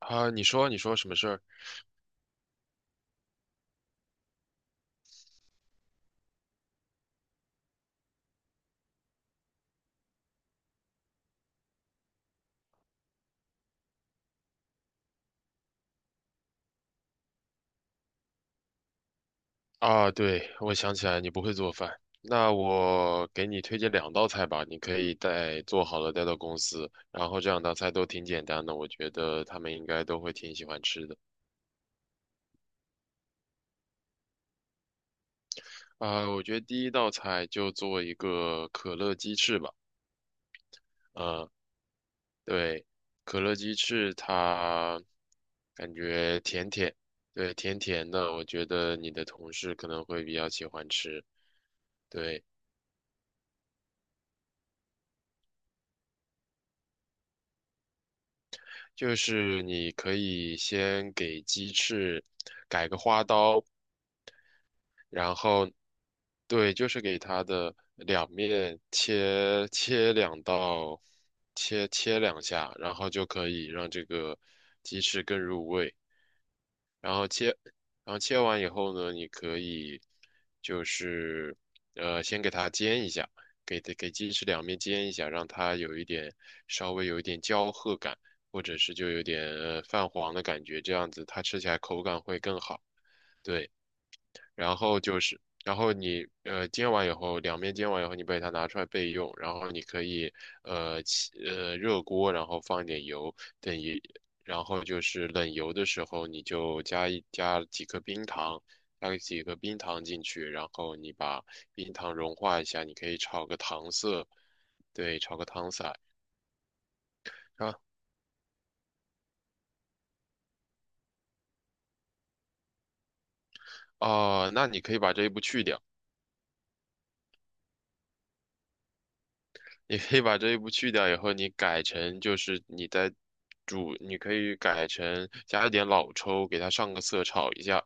啊，你说什么事儿啊？对，我想起来你不会做饭，那我给你推荐两道菜吧，你可以带做好了带到公司，然后这两道菜都挺简单的，我觉得他们应该都会挺喜欢吃的。啊，我觉得第一道菜就做一个可乐鸡翅吧。嗯。对，可乐鸡翅它感觉甜甜，对，甜甜的，我觉得你的同事可能会比较喜欢吃。对。就是你可以先给鸡翅改个花刀，然后对，就是给它的两面切切两刀，切切两下，然后就可以让这个鸡翅更入味。然后切，然后切完以后呢，你可以就是先给它煎一下，给鸡翅两面煎一下，让它有一点稍微有一点焦褐感，或者是就有点泛黄的感觉，这样子它吃起来口感会更好。对。然后你煎完以后，两面煎完以后，你把它拿出来备用。然后你可以呃起呃热锅，然后放一点油，等一，然后就是冷油的时候，你就加几颗冰糖，加几个冰糖进去，然后你把冰糖融化一下，你可以炒个糖色，对，炒个糖色啊。啊。哦，那你可以把这一步去掉。你可以把这一步去掉以后，你改成就是你在煮，你可以改成加一点老抽，给它上个色，炒一下，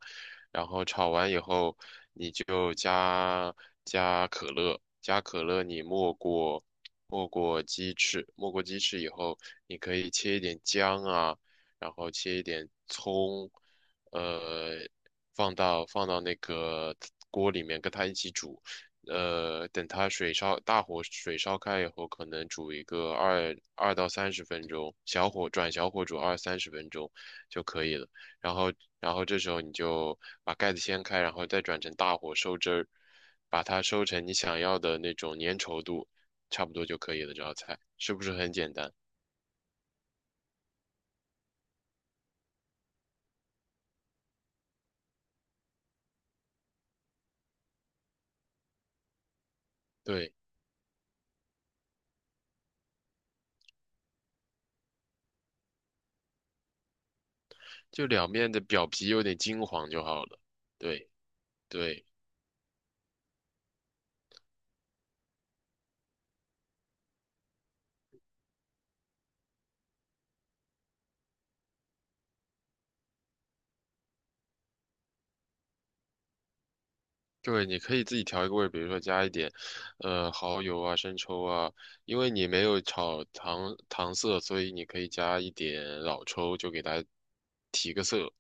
然后炒完以后，你就加可乐，加可乐你没过鸡翅，没过鸡翅以后，你可以切一点姜啊，然后切一点葱，呃，放到那个锅里面跟它一起煮。等它水烧，大火水烧开以后，可能煮一个二到三十分钟，转小火煮二三十分钟就可以了。然后，然后这时候你就把盖子掀开，然后再转成大火收汁儿，把它收成你想要的那种粘稠度，差不多就可以了。这道菜是不是很简单？对，就两面的表皮有点金黄就好了。对对。对，你可以自己调一个味儿比如说加一点，蚝油啊、生抽啊，因为你没有炒糖色，所以你可以加一点老抽，就给它提个色。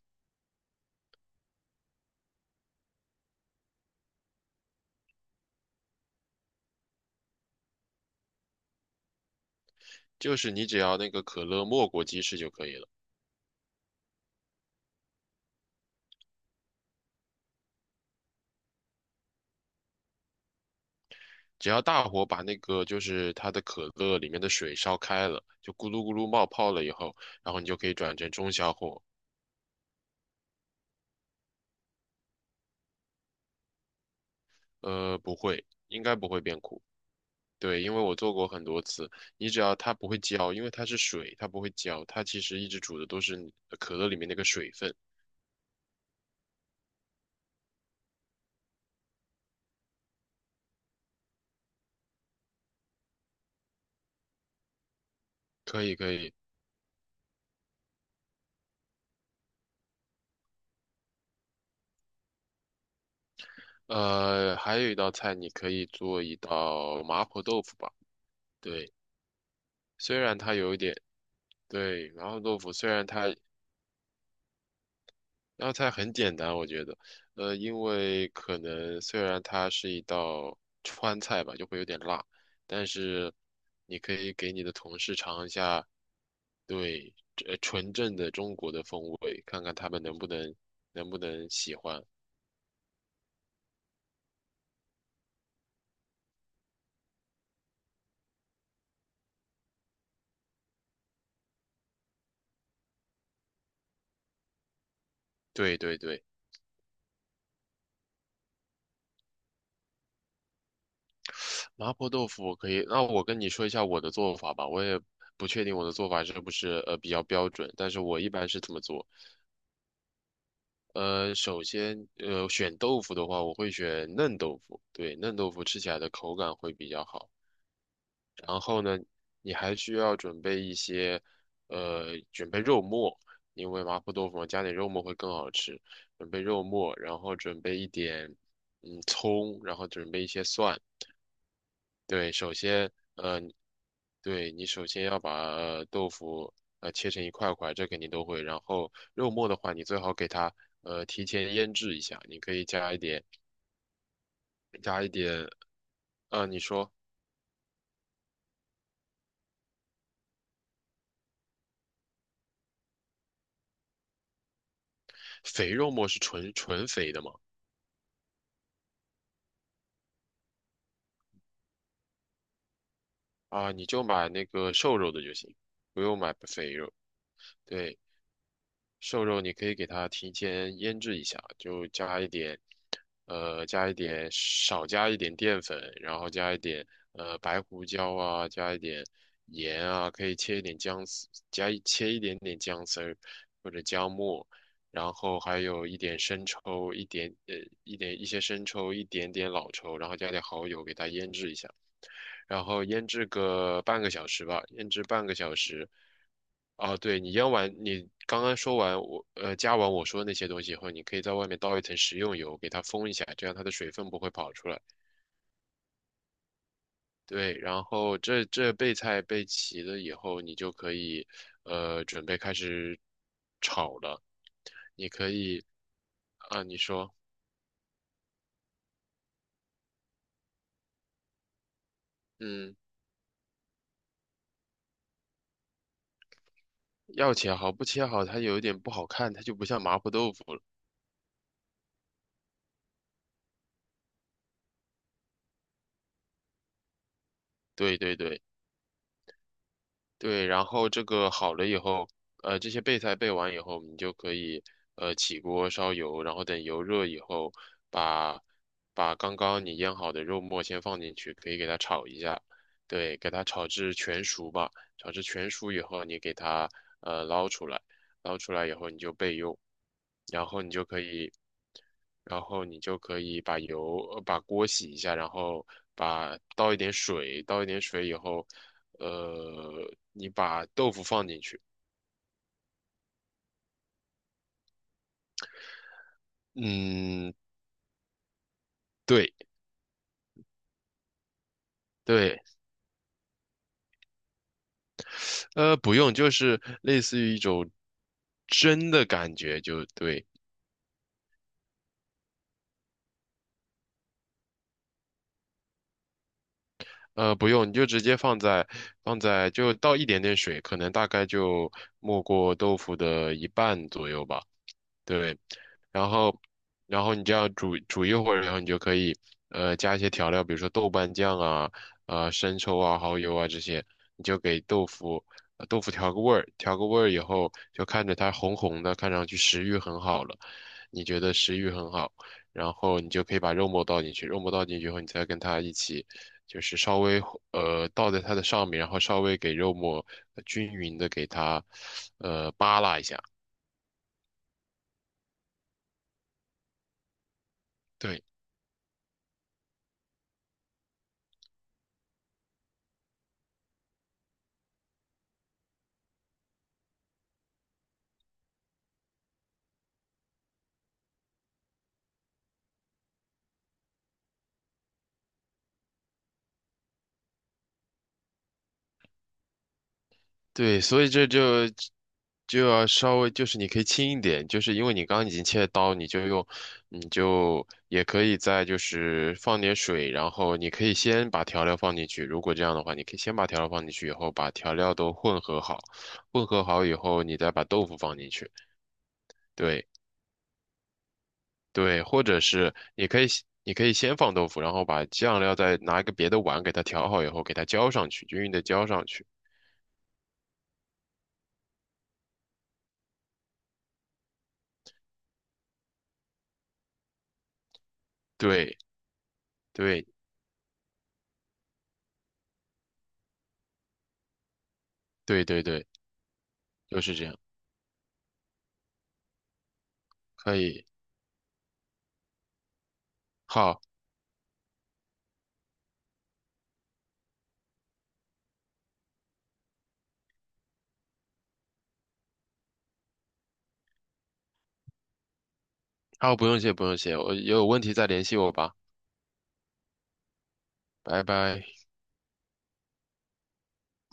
就是你只要那个可乐没过鸡翅就可以了，只要大火把那个就是它的可乐里面的水烧开了，就咕噜咕噜冒泡了以后，然后你就可以转成中小火，不会，应该不会变苦。对，因为我做过很多次，你只要它不会焦，因为它是水，它不会焦，它其实一直煮的都是你可乐里面那个水分。可以，可以。还有一道菜，你可以做一道麻婆豆腐吧。对，虽然它有一点，对，麻婆豆腐虽然它那道菜很简单，我觉得，因为可能虽然它是一道川菜吧，就会有点辣，但是你可以给你的同事尝一下，对，纯正的中国的风味，看看他们能不能喜欢。对对对，麻婆豆腐我可以，那我跟你说一下我的做法吧，我也不确定我的做法是不是比较标准，但是我一般是这么做。首先，选豆腐的话，我会选嫩豆腐。对，嫩豆腐吃起来的口感会比较好。然后呢，你还需要准备肉末，因为麻婆豆腐嘛加点肉末会更好吃。准备肉末，然后准备一点，葱，然后准备一些蒜，对，对你首先要把豆腐切成一块块，这肯定都会。然后肉末的话，你最好给它提前腌制一下，你可以加一点，啊、你说，肥肉末是纯纯肥的吗？啊，你就买那个瘦肉的就行，不用买肥肉。对，瘦肉你可以给它提前腌制一下，就加一点，呃，加一点，少加一点淀粉，然后加一点白胡椒啊，加一点盐啊，可以切一点姜丝，切一点点姜丝儿或者姜末，然后还有一点生抽，一点点老抽，然后加点蚝油给它腌制一下。然后腌制个半个小时吧，腌制半个小时。哦，对，你腌完，你刚刚说完我加完我说那些东西以后，你可以在外面倒一层食用油，给它封一下，这样它的水分不会跑出来。对，然后这备菜备齐了以后，你就可以准备开始炒了。啊，你说，嗯，要切好，不切好它有一点不好看，它就不像麻婆豆腐了。对对对。对，然后这个好了以后，这些备菜备完以后，你就可以起锅烧油，然后等油热以后，把刚刚你腌好的肉末先放进去，可以给它炒一下，对，给它炒至全熟吧。炒至全熟以后，你给它捞出来。捞出来以后你就备用，然后你就可以，然后你就可以把油，把锅洗一下，然后倒一点水，倒一点水以后，呃，你把豆腐放进去。嗯。对对。不用，就是类似于一种蒸的感觉，就对。不用，你就直接放在就倒一点点水，可能大概就没过豆腐的一半左右吧。对，然后然后你这样煮煮一会儿，然后你就可以加一些调料，比如说豆瓣酱啊、生抽啊、蚝油啊这些，你就给豆腐调个味儿，调个味儿以后就看着它红红的，看上去食欲很好了，你觉得食欲很好，然后你就可以把肉末倒进去，肉末倒进去以后，你再跟它一起。就是稍微倒在它的上面，然后稍微给肉末均匀的给它扒拉一下，对，对，所以这就要稍微就是你可以轻一点，就是因为你刚刚已经切了刀，你就也可以再就是放点水，然后你可以先把调料放进去。如果这样的话，你可以先把调料放进去以后，把调料都混合好，混合好以后，你再把豆腐放进去。对对，或者是你可以先放豆腐，然后把酱料再拿一个别的碗给它调好以后，给它浇上去，均匀的浇上去。对对对对对，就是这样，可以。好，好，不用谢，不用谢，我有问题再联系我吧，拜拜。